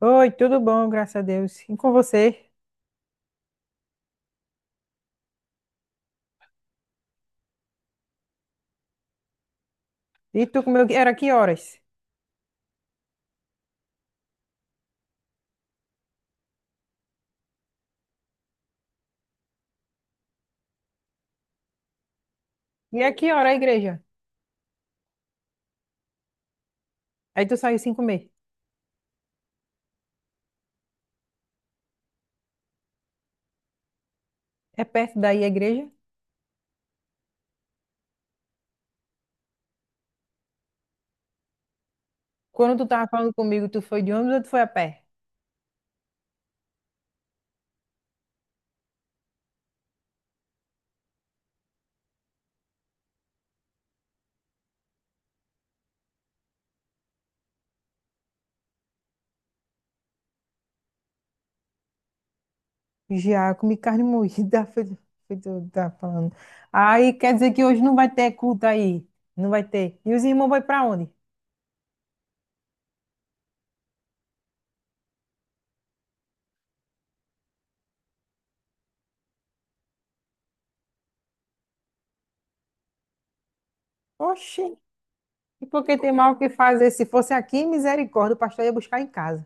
Oi, tudo bom, graças a Deus. E com você? E tu comeu? Era que horas? E é que hora a igreja? Aí tu saiu sem comer. É perto daí a igreja? Quando tu tava falando comigo, tu foi de ônibus ou tu foi a pé? Já, eu comi carne moída, foi, foi tu tá falando. Aí quer dizer que hoje não vai ter culto aí. Não vai ter. E os irmãos vão pra onde? Oxi, e por que tem mal o que fazer? Se fosse aqui, misericórdia, o pastor ia buscar em casa.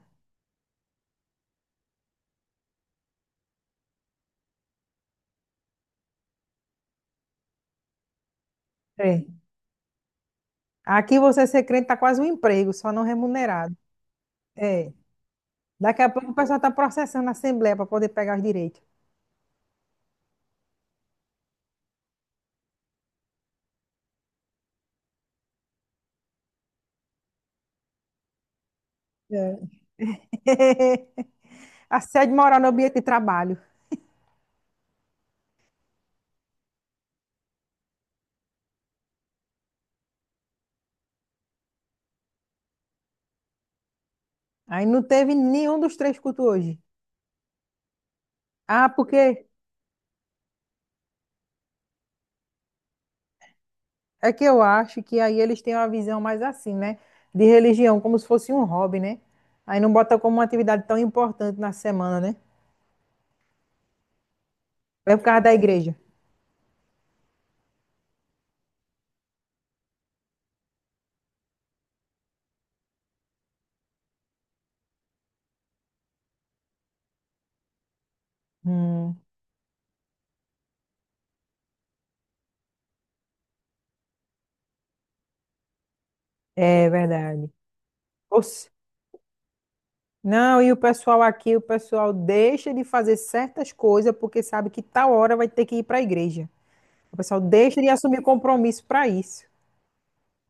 É. Aqui você ser crente tá quase um emprego, só não remunerado. É. Daqui a pouco o pessoal está processando a Assembleia para poder pegar os direitos. É. Assédio moral no ambiente de trabalho. Aí não teve nenhum dos três cultos hoje. Ah, porque é que eu acho que aí eles têm uma visão mais assim, né? De religião, como se fosse um hobby, né? Aí não bota como uma atividade tão importante na semana, né? É por causa da igreja. Hum, é verdade. Ou se- Não, e o pessoal aqui, o pessoal deixa de fazer certas coisas porque sabe que tal hora vai ter que ir para a igreja. O pessoal deixa de assumir compromisso para isso.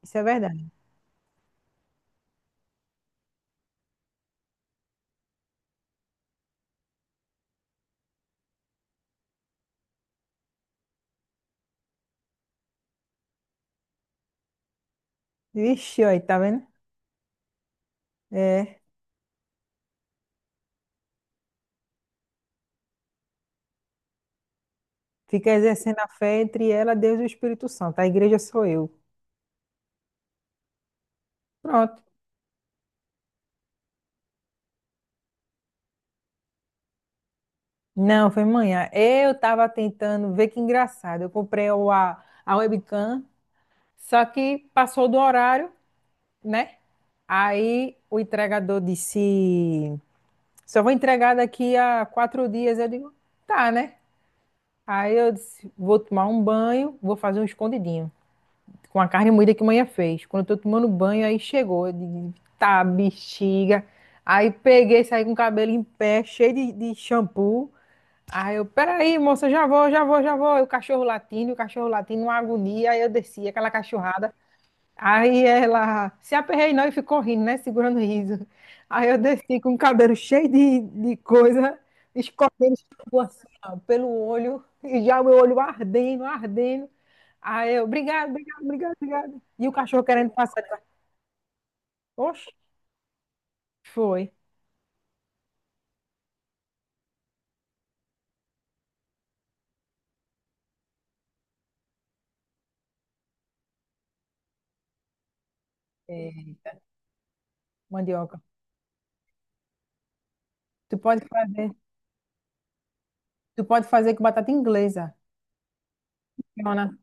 Isso é verdade. Vixe, aí, tá vendo? É, fica exercendo a fé entre ela, Deus e o Espírito Santo. A igreja sou eu. Pronto. Não, foi manhã. Eu estava tentando ver que engraçado. Eu comprei a webcam, só que passou do horário, né? Aí o entregador disse: só vou entregar daqui a quatro dias. Eu digo: tá, né? Aí eu disse: vou tomar um banho, vou fazer um escondidinho. Com a carne moída que a manhã fez. Quando eu tô tomando banho, aí chegou. Eu digo, tá, bexiga. Aí peguei, saí com o cabelo em pé, cheio de shampoo. Aí eu, peraí, moça, já vou, já vou, já vou. E o cachorro latindo, uma agonia. Aí eu desci, aquela cachorrada. Aí ela se aperreinou e ficou rindo, né? Segurando o riso. Aí eu desci com o cabelo cheio de coisa, escorrendo shampoo assim, ó, pelo olho, e já o meu olho ardendo, ardendo. Aí eu, obrigado, obrigado, obrigado, obrigado. E o cachorro querendo passar. Ele Oxe, foi. É, mandioca. Tu pode fazer, tu pode fazer com batata inglesa. Fica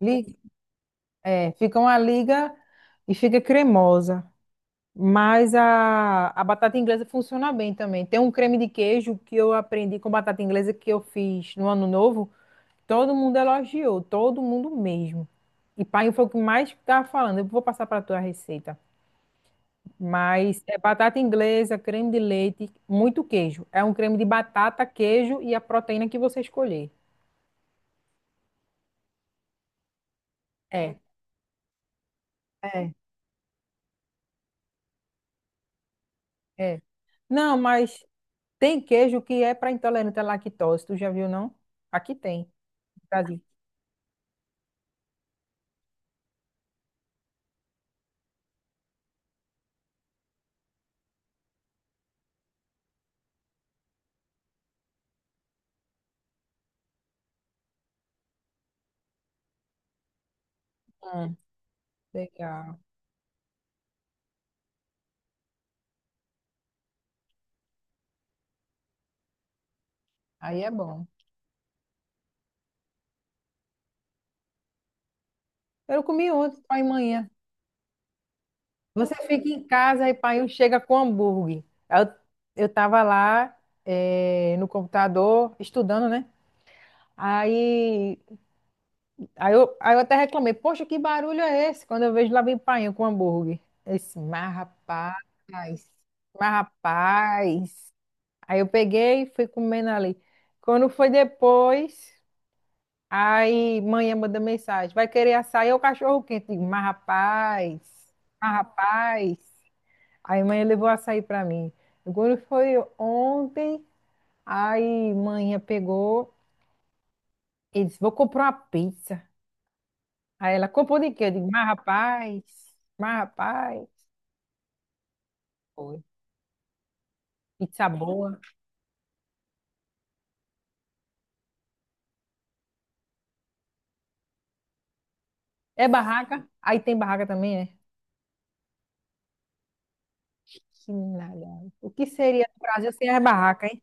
li- é, fica uma liga e fica cremosa. Mas a batata inglesa funciona bem também. Tem um creme de queijo que eu aprendi com batata inglesa que eu fiz no ano novo. Todo mundo elogiou, todo mundo mesmo. E pai foi o que mais estava falando. Eu vou passar para tua receita. Mas é batata inglesa, creme de leite, muito queijo. É um creme de batata, queijo e a proteína que você escolher. É, é, é. Não, mas tem queijo que é para intolerante à lactose. Tu já viu, não? Aqui tem, no Brasil. Hum, legal. Aí é bom. Eu comi ontem, pai e manhã. Você fica em casa e pai chega com hambúrguer. Eu, eu tava lá no computador estudando, né? Aí, aí eu até reclamei, poxa, que barulho é esse? Quando eu vejo lá vem painho com hambúrguer. Eu disse, mas rapaz, mas rapaz. Aí eu peguei e fui comendo ali. Quando foi depois. Aí, manhã manda mensagem, vai querer açaí ou cachorro quente? Digo, mas rapaz, mas rapaz. Aí, manhã levou açaí para mim. Agora foi ontem, aí, manhã pegou e disse, vou comprar uma pizza. Aí ela, comprou de quê? Eu digo, mas rapaz, mas rapaz. Foi. Pizza boa. É barraca? Aí tem barraca também, é? Que nada. O que seria o Brasil sem as barracas, hein?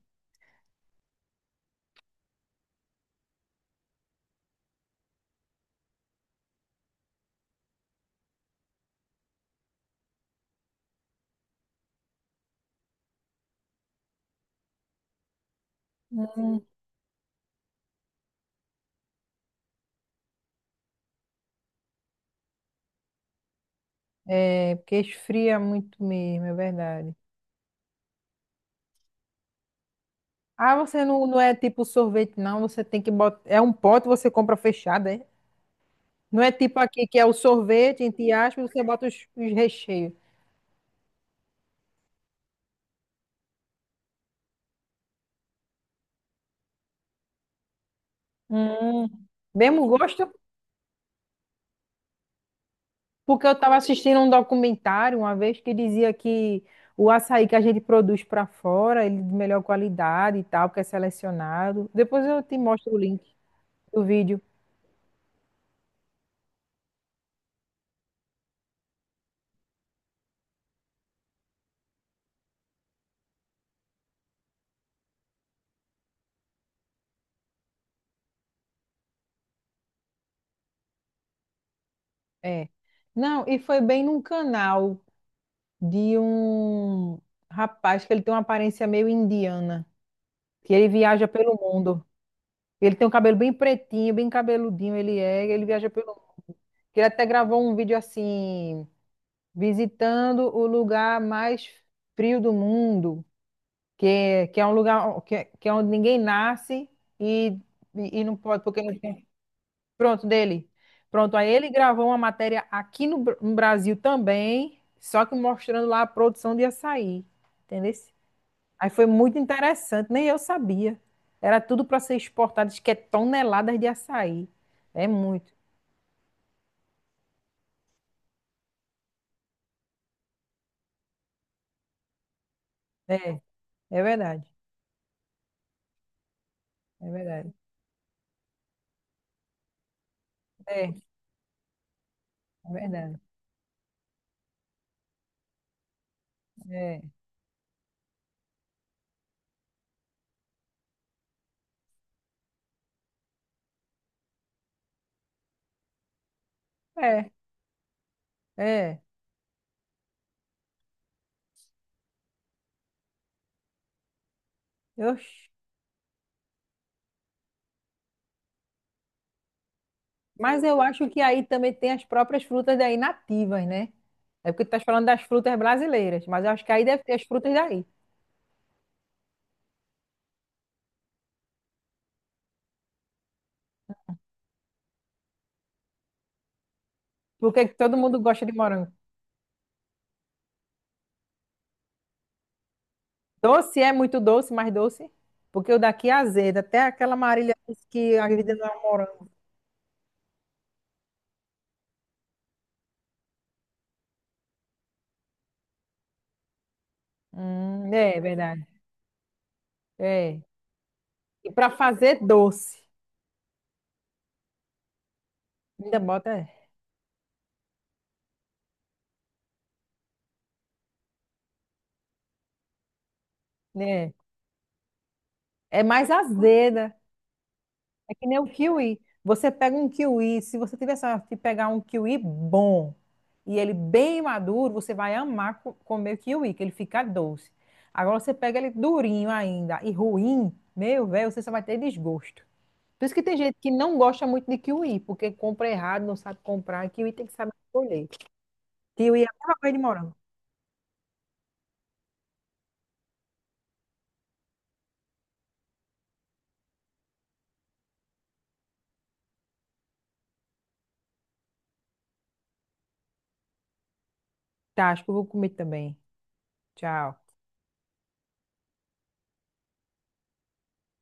É, porque esfria muito mesmo, é verdade. Ah, você não, não é tipo sorvete, não. Você tem que botar. É um pote, você compra fechado, é? Não é tipo aqui que é o sorvete, entre aspas, você bota os recheios. Hum. Mesmo gosto? Porque eu estava assistindo um documentário uma vez que dizia que o açaí que a gente produz para fora, ele é de melhor qualidade e tal, porque é selecionado. Depois eu te mostro o link do vídeo. É. Não, e foi bem num canal de um rapaz que ele tem uma aparência meio indiana. Que ele viaja pelo mundo. Ele tem um cabelo bem pretinho, bem cabeludinho ele é, ele viaja pelo mundo. Que Ele até gravou um vídeo assim, visitando o lugar mais frio do mundo, que é um lugar que é onde ninguém nasce e, e não pode, porque não tem. Pronto, dele. Pronto, aí ele gravou uma matéria aqui no, no Brasil também, só que mostrando lá a produção de açaí. Entendeu? Aí foi muito interessante, nem eu sabia. Era tudo para ser exportado, diz que é toneladas de açaí. É muito. É, é verdade. É verdade. É, é verdade. É, é, é. Oxi. Mas eu acho que aí também tem as próprias frutas daí nativas, né? É porque tu estás falando das frutas brasileiras, mas eu acho que aí deve ter as frutas daí. Porque todo mundo gosta de morango. Doce é muito doce, mais doce. Porque o daqui é azedo, até aquela Marília disse que a vida não é um morango. É verdade. É. E para fazer doce, ainda bota, né? É mais azeda. É que nem o kiwi. Você pega um kiwi, se você tiver sorte de pegar um kiwi bom e ele bem maduro, você vai amar comer o kiwi, que ele fica doce. Agora você pega ele durinho ainda e ruim, meu velho, você só vai ter desgosto. Por isso que tem gente que não gosta muito de kiwi, porque compra errado, não sabe comprar. Kiwi tem que saber escolher. Kiwi é a mesma coisa de morango. Tá, acho que eu vou comer também. Tchau.